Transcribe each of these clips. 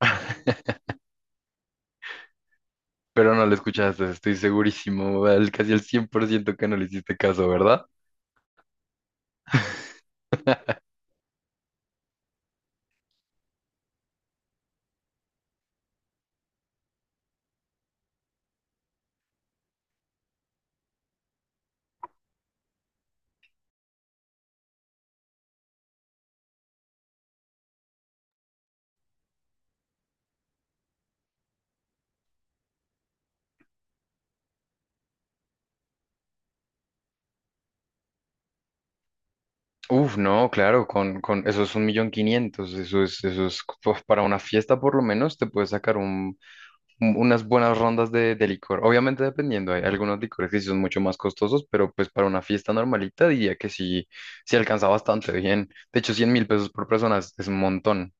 Pero no lo escuchaste, estoy segurísimo, casi el 100% que no le hiciste caso, ¿verdad? Uf, no, claro, con eso es 1.500.000, eso es pues, para una fiesta por lo menos te puedes sacar unas buenas rondas de licor. Obviamente dependiendo, hay algunos licores que sí son mucho más costosos, pero pues para una fiesta normalita diría que sí, sí alcanza bastante bien. De hecho, 100.000 pesos por persona es un montón.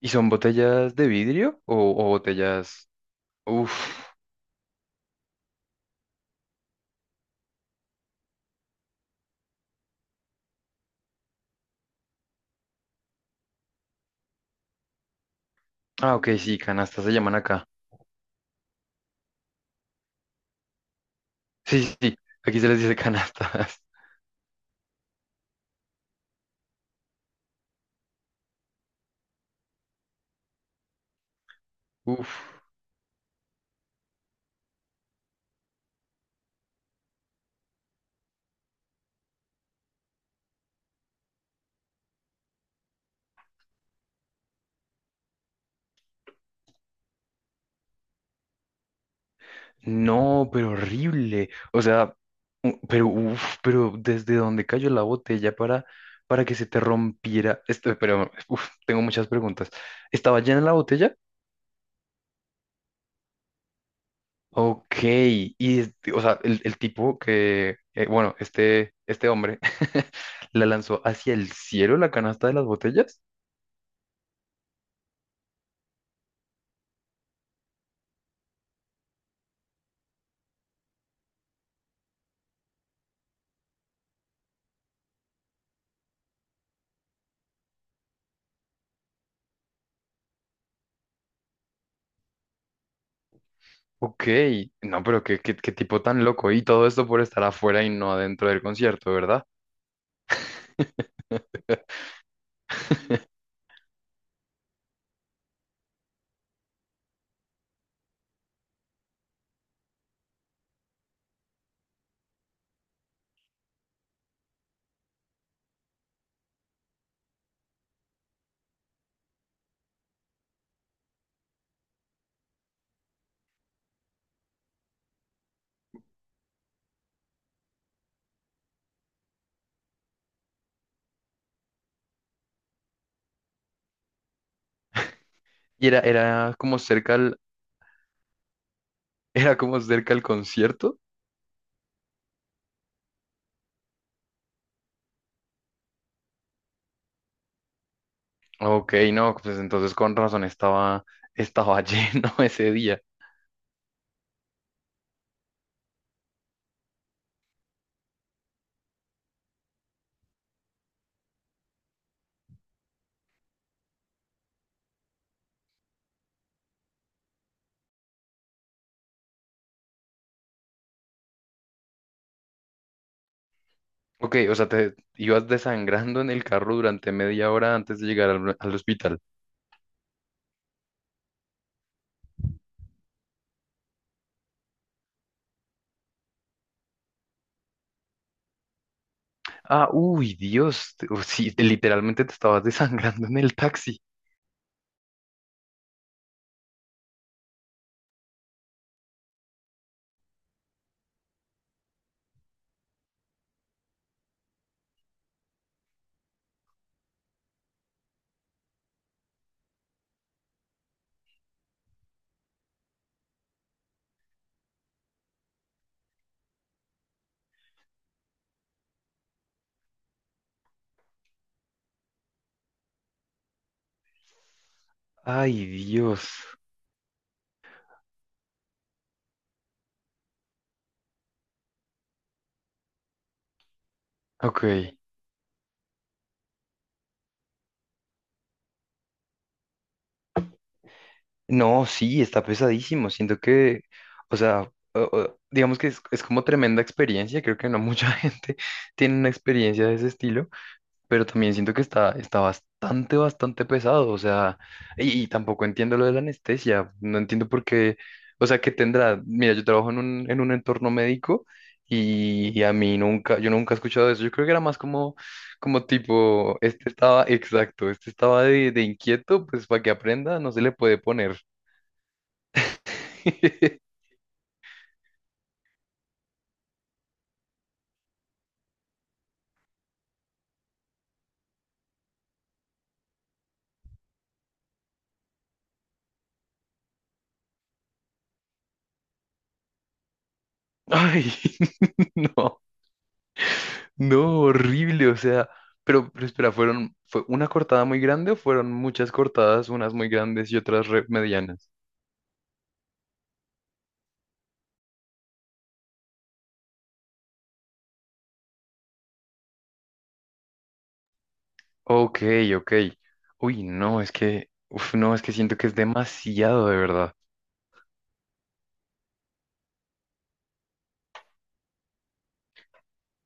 ¿Y son botellas de vidrio o botellas? Uf, ah, ok, sí, canastas se llaman acá. Sí, sí, sí, aquí se les dice canastas. Uf, no, pero horrible. O sea, pero uf, pero desde donde cayó la botella para que se te rompiera. Esto, pero uf, tengo muchas preguntas. ¿Estaba llena la botella? Ok, y este, o sea, el tipo que, bueno, este hombre la lanzó hacia el cielo la canasta de las botellas. Ok, no, pero qué, qué, qué tipo tan loco. Y todo esto por estar afuera y no adentro del concierto, ¿verdad? Y era, era como cerca al, era como cerca al concierto. Ok, no, pues entonces estaba lleno ese día. Ok, o sea, te ibas desangrando en el carro durante media hora antes de llegar al hospital. Ah, uy, Dios, oh, sí, literalmente te estabas desangrando en el taxi. Ay, Dios. Ok. No, sí, está pesadísimo. Siento que, o sea, digamos que es como tremenda experiencia. Creo que no mucha gente tiene una experiencia de ese estilo, pero también siento que está bastante, bastante pesado, o sea, y tampoco entiendo lo de la anestesia, no entiendo por qué, o sea, que tendrá, mira, yo trabajo en un entorno médico y a mí nunca, yo nunca he escuchado eso, yo creo que era más como, como tipo, exacto, este estaba de inquieto, pues para que aprenda, no se le puede poner. Ay, no. No, horrible, o sea, pero espera, ¿fueron, fue una cortada muy grande o fueron muchas cortadas, unas muy grandes y otras medianas? Ok, ok. Uy, no, es que, uf, no, es que siento que es demasiado, de verdad.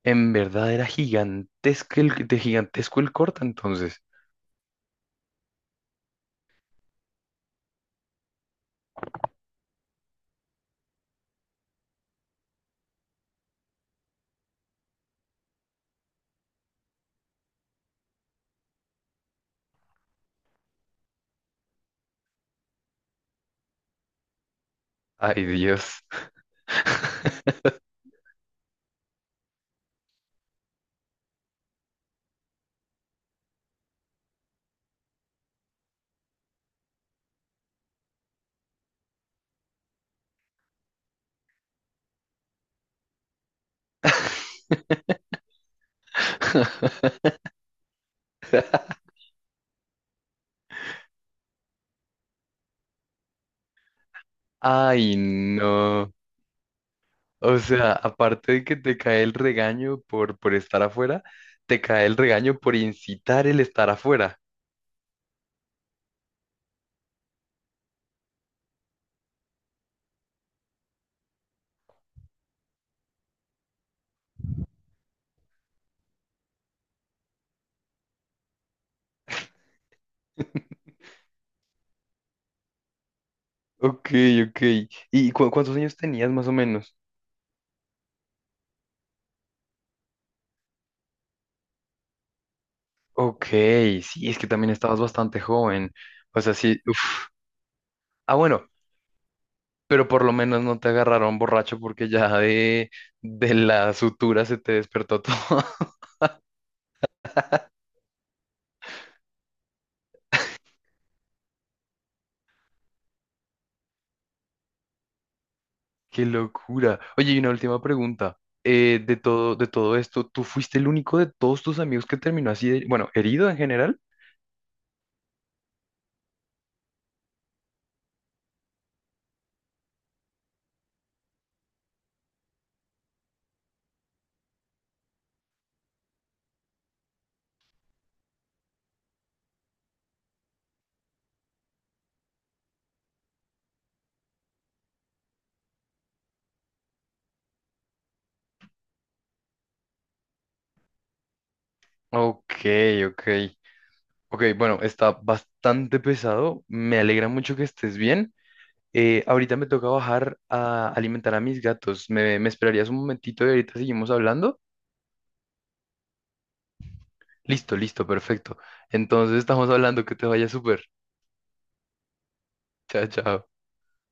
En verdad era gigantesco el, de gigantesco el corta, entonces. Ay, Dios. Ay, no. O sea, aparte de que te cae el regaño por estar afuera, te cae el regaño por incitar el estar afuera. Ok, ok. ¿Y cuántos años tenías más o menos? Ok, sí, es que también estabas bastante joven. O sea, sí, uf. Ah, bueno, pero por lo menos no te agarraron borracho porque ya de la sutura se te despertó todo. Qué locura. Oye, y una última pregunta. De todo esto, ¿tú fuiste el único de todos tus amigos que terminó así, bueno, herido en general? Ok, ok. Ok, bueno, está bastante pesado. Me alegra mucho que estés bien. Ahorita me toca bajar a alimentar a mis gatos. Me esperarías un momentito y ahorita seguimos hablando? Listo, listo, perfecto. Entonces estamos hablando, que te vaya súper. Chao, chao.